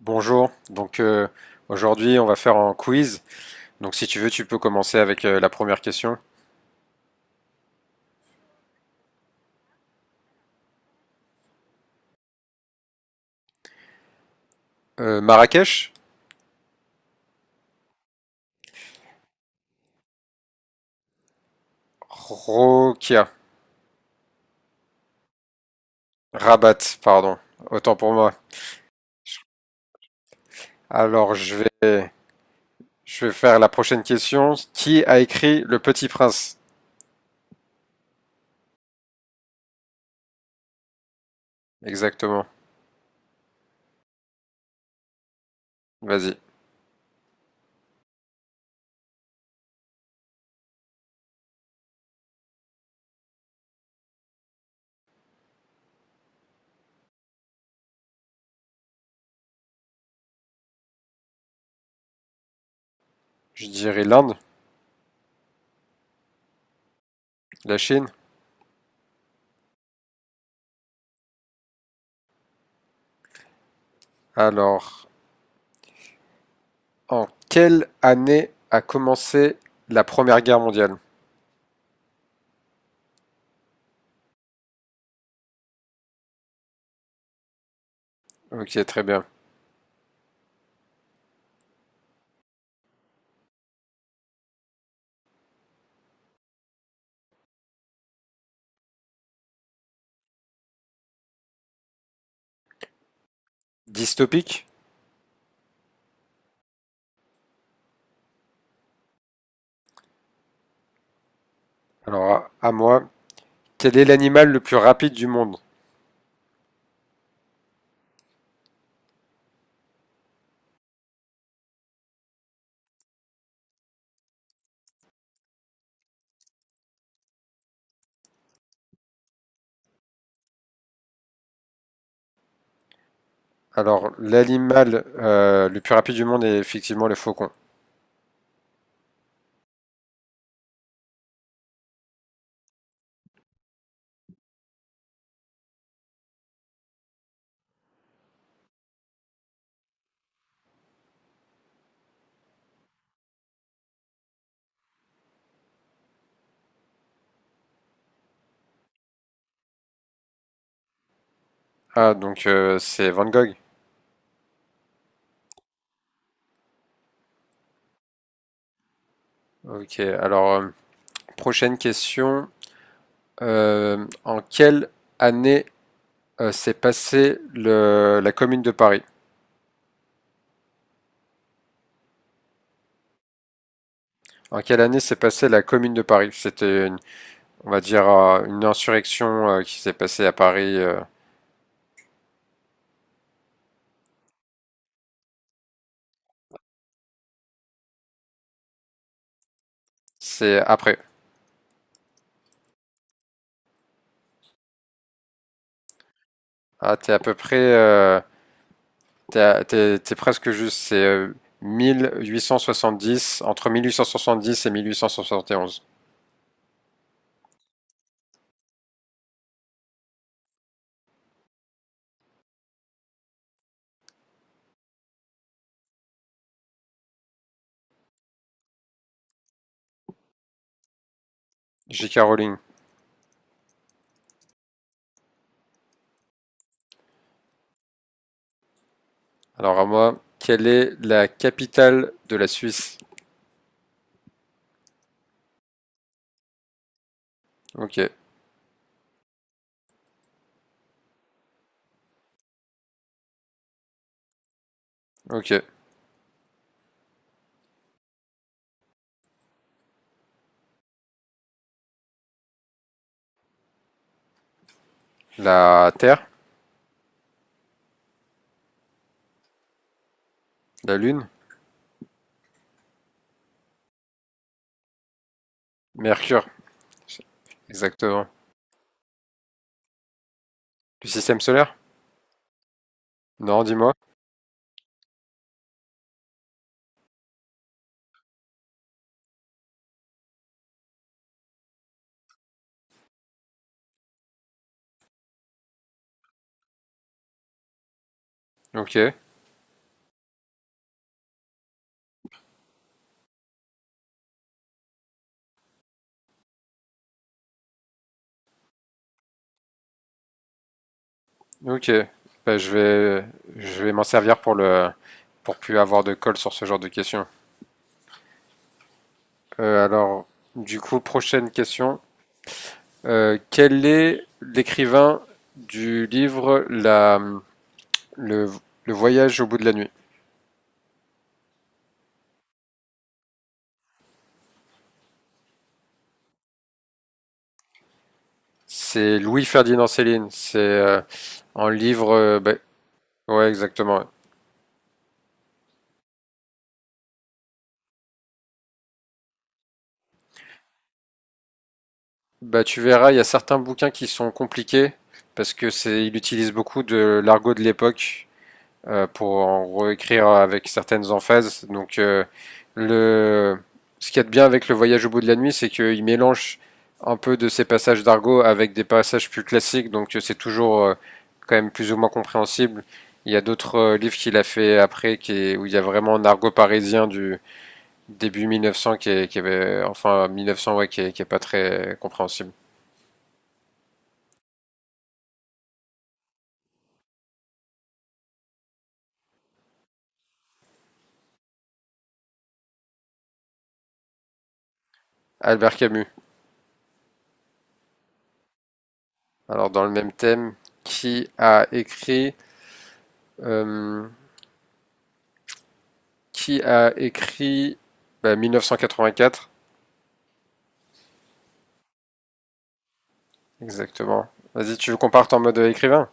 Bonjour, donc aujourd'hui on va faire un quiz. Donc si tu veux, tu peux commencer avec la première question. Marrakech? Rokia. Rabat, pardon. Autant pour moi. Alors je vais faire la prochaine question. Qui a écrit Le Petit Prince? Exactement. Vas-y. Je dirais l'Inde, la Chine. Alors, en quelle année a commencé la Première Guerre mondiale? Ok, très bien. Dystopique? Alors à moi. Quel est l'animal le plus rapide du monde? Alors, l'animal le plus rapide du monde est effectivement le faucon. Ah, donc c'est Van Gogh. Ok, alors, prochaine question. En quelle année s'est passée la Commune de Paris? En quelle année s'est passée la Commune de Paris? C'était, on va dire, une insurrection qui s'est passée à Paris. C'est après. Ah, t'es à peu près, t'es presque juste, c'est dix entre 1870 et 1871. J.K. Rowling. Alors à moi, quelle est la capitale de la Suisse? Ok, ok. La Terre? La Lune? Mercure? Exactement. Du système solaire? Non, dis-moi. Ok, ok. Bah, je vais m'en servir pour pour plus avoir de colle sur ce genre de questions. Alors, du coup, prochaine question. Quel est l'écrivain du livre la le le voyage au bout de la nuit? C'est Louis-Ferdinand Céline. C'est un livre, bah, ouais, exactement, ouais. Bah, tu verras, il y a certains bouquins qui sont compliqués parce que c'est il utilise beaucoup de l'argot de l'époque. Pour en réécrire avec certaines emphases. Donc, le... ce qu'il y a de bien avec le voyage au bout de la nuit, c'est qu'il mélange un peu de ces passages d'argot avec des passages plus classiques, donc c'est toujours quand même plus ou moins compréhensible. Il y a d'autres livres qu'il a fait après où il y a vraiment un argot parisien du début 1900 qui avait, enfin 1900 ouais, qui est pas très compréhensible. Albert Camus. Alors dans le même thème, qui a écrit euh, qui a écrit bah, 1984, exactement. Vas-y, tu veux qu'on parte en mode écrivain?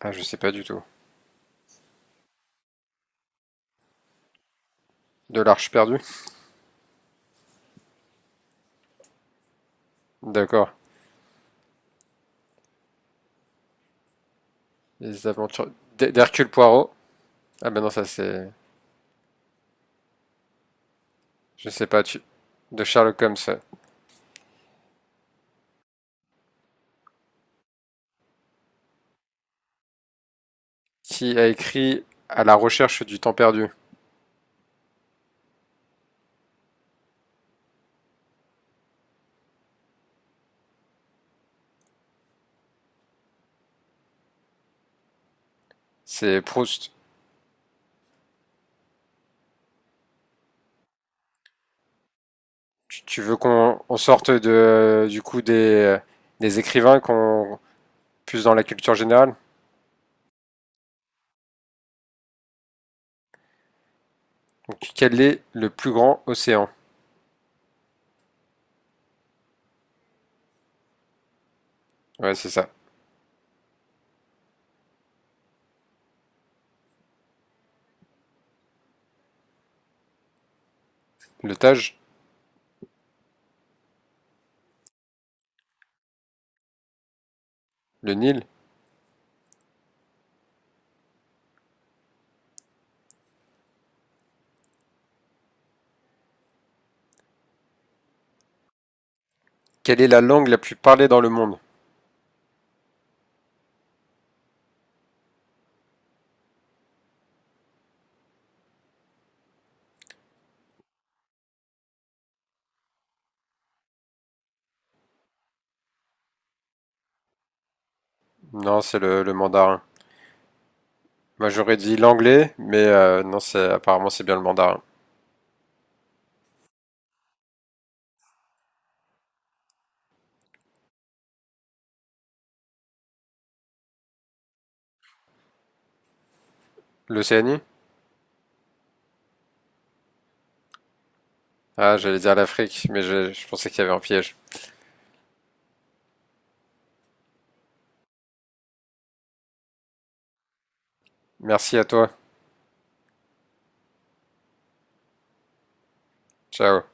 Ah, je sais pas du tout. De l'Arche perdue? D'accord. Les aventures d'Hercule Poirot. Ah ben non, ça c'est. Je sais pas, tu. De Sherlock Holmes. Qui a écrit À la recherche du temps perdu? C'est Proust. Tu veux qu'on sorte du coup des écrivains qu'on plus dans la culture générale? Donc, quel est le plus grand océan? Ouais, c'est ça. Le Tage? Le Nil? Quelle est la langue la plus parlée dans le monde? Non, c'est le mandarin. Moi, j'aurais dit l'anglais, mais non, c'est apparemment c'est bien le mandarin. L'Océanie? Ah, j'allais dire l'Afrique, mais je pensais qu'il y avait un piège. Merci à toi. Ciao.